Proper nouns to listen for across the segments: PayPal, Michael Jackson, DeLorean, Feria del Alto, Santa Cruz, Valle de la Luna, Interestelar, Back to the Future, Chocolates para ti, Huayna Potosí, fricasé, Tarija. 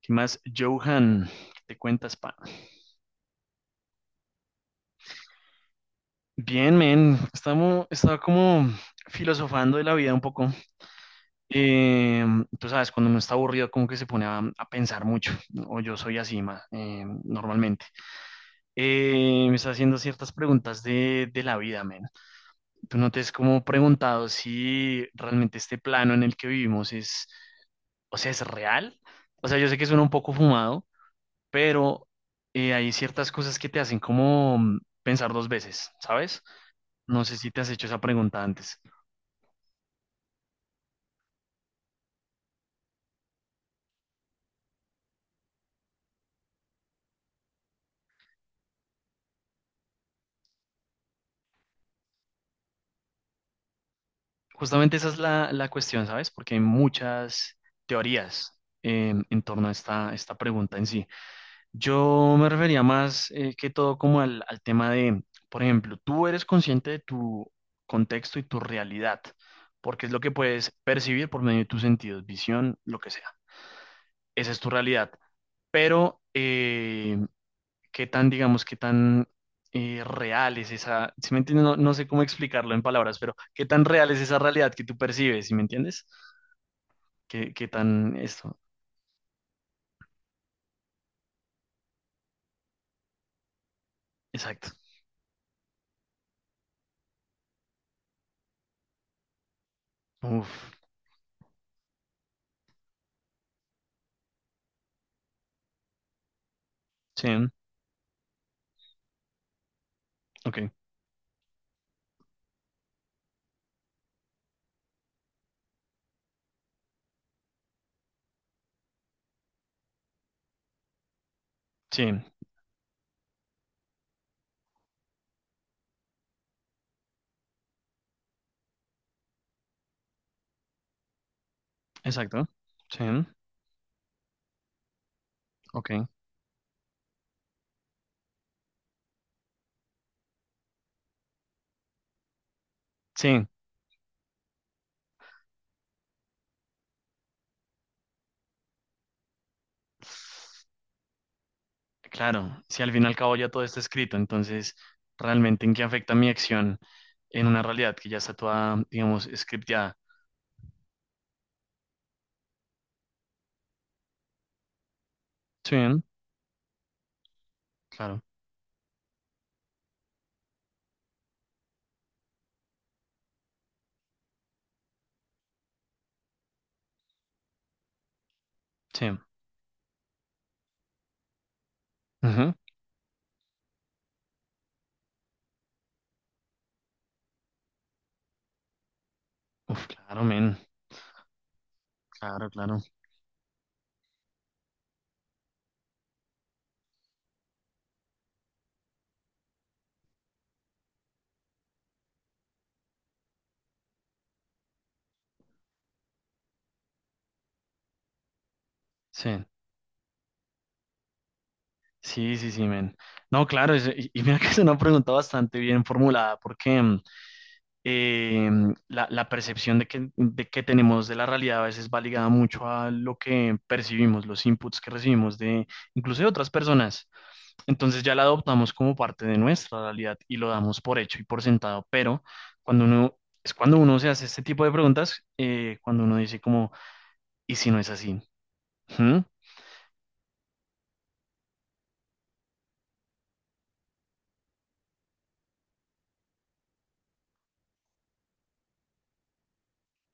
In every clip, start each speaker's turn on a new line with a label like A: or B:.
A: ¿Qué más, Johan, te cuentas, pa? Bien, men, estaba como filosofando de la vida un poco. Eh, Tú sabes, cuando uno está aburrido, como que se pone a pensar mucho, ¿no? O yo soy así, ma, normalmente. Me está haciendo ciertas preguntas de la vida, men. Tú no te has como preguntado si realmente este plano en el que vivimos es, o sea, es real. O sea, yo sé que suena un poco fumado, pero hay ciertas cosas que te hacen como pensar dos veces, ¿sabes? No sé si te has hecho esa pregunta antes. Justamente esa es la cuestión, ¿sabes? Porque hay muchas teorías en torno a esta pregunta en sí. Yo me refería más que todo como al tema de, por ejemplo, tú eres consciente de tu contexto y tu realidad, porque es lo que puedes percibir por medio de tus sentidos, visión, lo que sea. Esa es tu realidad, pero qué tan, digamos, qué tan real es esa, ¿si me entiendes? No, sé cómo explicarlo en palabras, pero qué tan real es esa realidad que tú percibes, ¿si me entiendes? ¿Qué, qué tan esto? Exacto. Uf, sí, ok, sí, exacto, sí, ok, sí, claro, si al fin y al cabo ya todo está escrito, entonces, ¿realmente en qué afecta mi acción en una realidad que ya está toda, digamos, scripteada? Sí, claro, sí. Ujú. Uf, claro, men, claro, claro, sí. Sí, sí, sí, men. No, claro, es- y mira que es una pregunta bastante bien formulada, porque la, la percepción de que tenemos de la realidad a veces va ligada mucho a lo que percibimos, los inputs que recibimos de incluso de otras personas. Entonces ya la adoptamos como parte de nuestra realidad y lo damos por hecho y por sentado, pero cuando uno, es cuando uno se hace este tipo de preguntas, cuando uno dice como, ¿y si no es así? ¿Mm?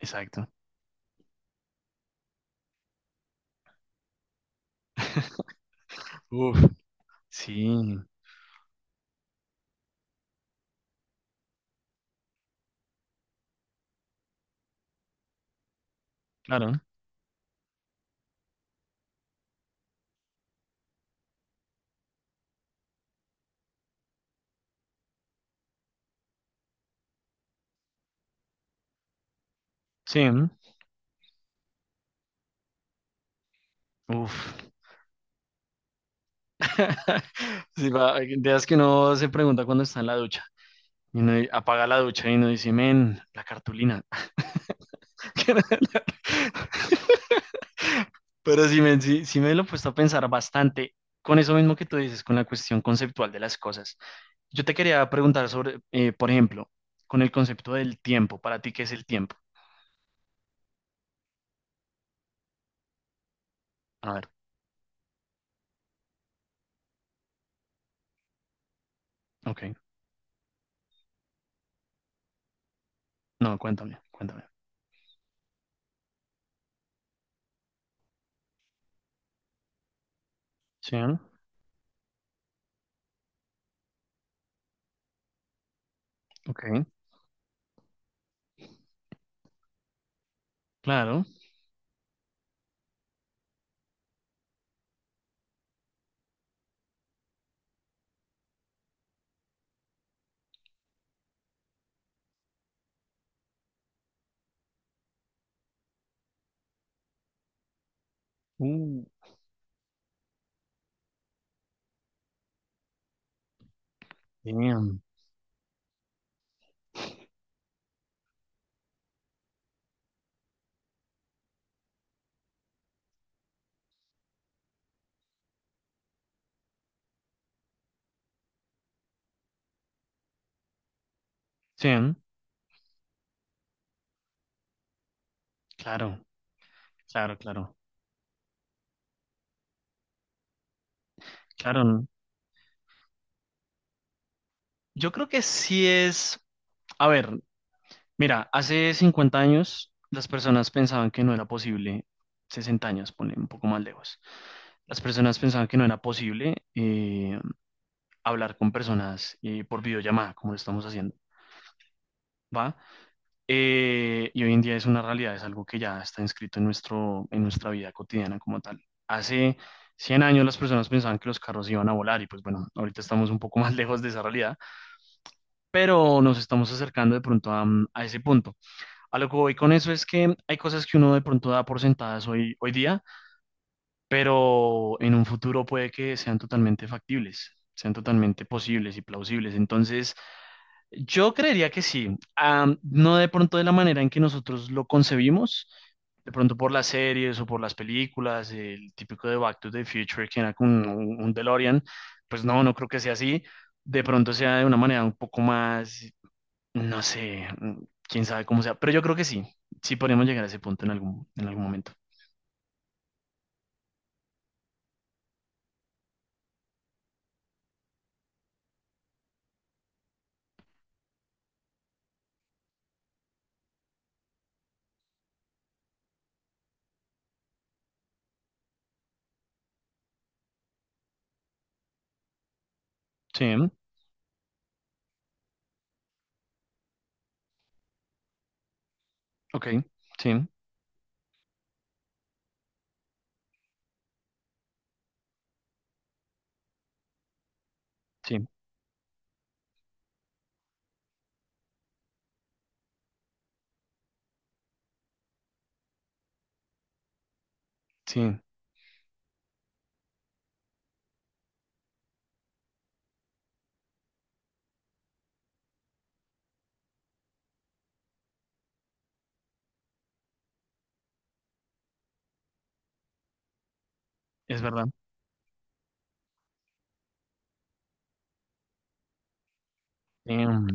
A: Exacto. Uf, sí, claro. Sí. Uf. Sí, va, de esas que uno se pregunta cuando está en la ducha. Y uno di- apaga la ducha y uno dice, men, la cartulina. Pero sí, men, sí, sí me lo he puesto a pensar bastante con eso mismo que tú dices, con la cuestión conceptual de las cosas. Yo te quería preguntar sobre, por ejemplo, con el concepto del tiempo. ¿Para ti qué es el tiempo? A ver, ok. No, cuéntame, cuéntame. Sí, ok. Claro. Uh, damn. Sí, claro. Claro, claro. Claro, yo creo que sí es, a ver, mira, hace 50 años las personas pensaban que no era posible. 60 años, ponle un poco más lejos, las personas pensaban que no era posible hablar con personas por videollamada, como lo estamos haciendo, ¿va? Y hoy en día es una realidad, es algo que ya está inscrito en nuestro, en nuestra vida cotidiana como tal. Hace 100 años las personas pensaban que los carros iban a volar y pues bueno, ahorita estamos un poco más lejos de esa realidad, pero nos estamos acercando de pronto a, a ese punto. A lo que voy con eso es que hay cosas que uno de pronto da por sentadas hoy, hoy día, pero en un futuro puede que sean totalmente factibles. Sean totalmente posibles y plausibles. Entonces, yo creería que sí. Ah, no de pronto de la manera en que nosotros lo concebimos, de pronto por las series o por las películas, el típico de Back to the Future que era con un DeLorean, pues no, no creo que sea así. De pronto sea de una manera un poco más no sé, quién sabe cómo sea, pero yo creo que sí, sí podríamos llegar a ese punto en algún momento. Sí, ok, sí, sí, sí, es verdad. Em,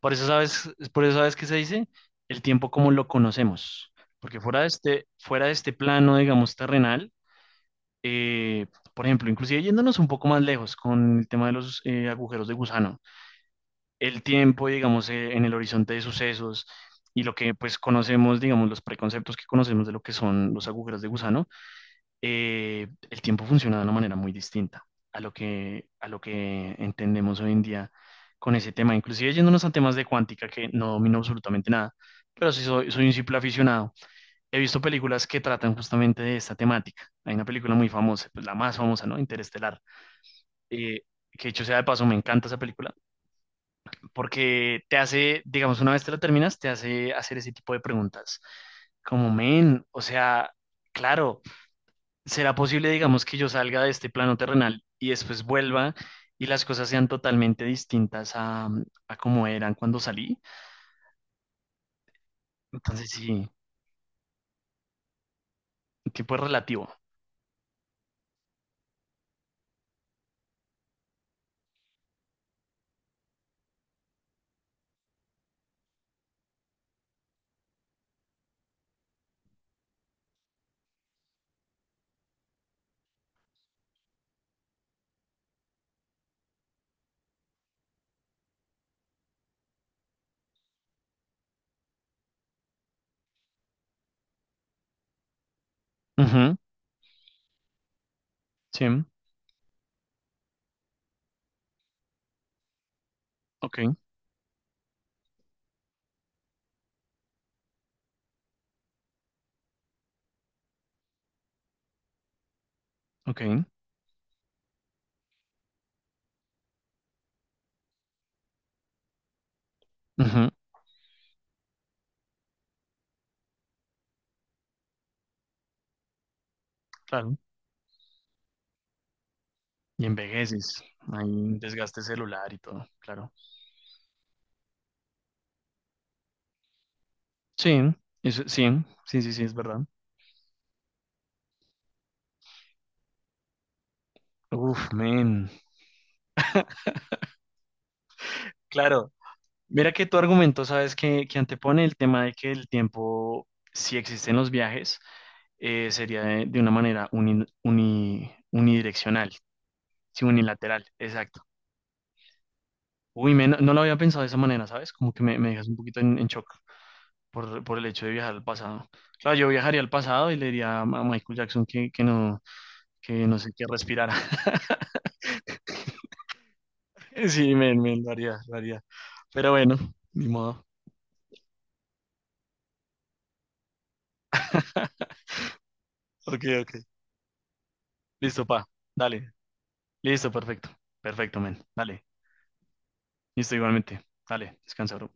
A: por eso sabes, es por eso sabes qué se dice, el tiempo como lo conocemos, porque fuera de este plano, digamos, terrenal, eh, por ejemplo, inclusive yéndonos un poco más lejos con el tema de los agujeros de gusano. El tiempo, digamos, en el horizonte de sucesos y lo que pues conocemos, digamos, los preconceptos que conocemos de lo que son los agujeros de gusano, el tiempo funciona de una manera muy distinta a lo que entendemos hoy en día con ese tema, inclusive yéndonos a temas de cuántica que no domino absolutamente nada, pero sí soy, soy un simple aficionado. He visto películas que tratan justamente de esta temática. Hay una película muy famosa, pues la más famosa, ¿no? Interestelar. Eh, que dicho sea de paso, me encanta esa película porque te hace, digamos, una vez te lo terminas, te hace hacer ese tipo de preguntas. Como, men, o sea, claro, ¿será posible, digamos, que yo salga de este plano terrenal y después vuelva y las cosas sean totalmente distintas a, a como eran cuando salí? Entonces, sí, tipo es relativo. Ujú, sí, ok, ok, ujú, claro. Y envejeces, hay un desgaste celular y todo, claro. Sí, eso, sí, sí, sí, sí, es verdad. Uf, men. Claro, mira que tu argumento, sabes, que antepone el tema de que el tiempo, si existen los viajes, sería de una manera unidireccional, sí, unilateral, exacto. Uy, me- no, no lo había pensado de esa manera, ¿sabes? Como que me dejas un poquito en shock por el hecho de viajar al pasado. Claro, yo viajaría al pasado y le diría a Michael Jackson que no sé qué respirara. Sí, me lo haría, lo haría. Pero bueno, ni modo. Ok, ok. Listo, pa. Dale. Listo, perfecto. Perfecto, men. Dale. Listo, igualmente. Dale, descansa, bro.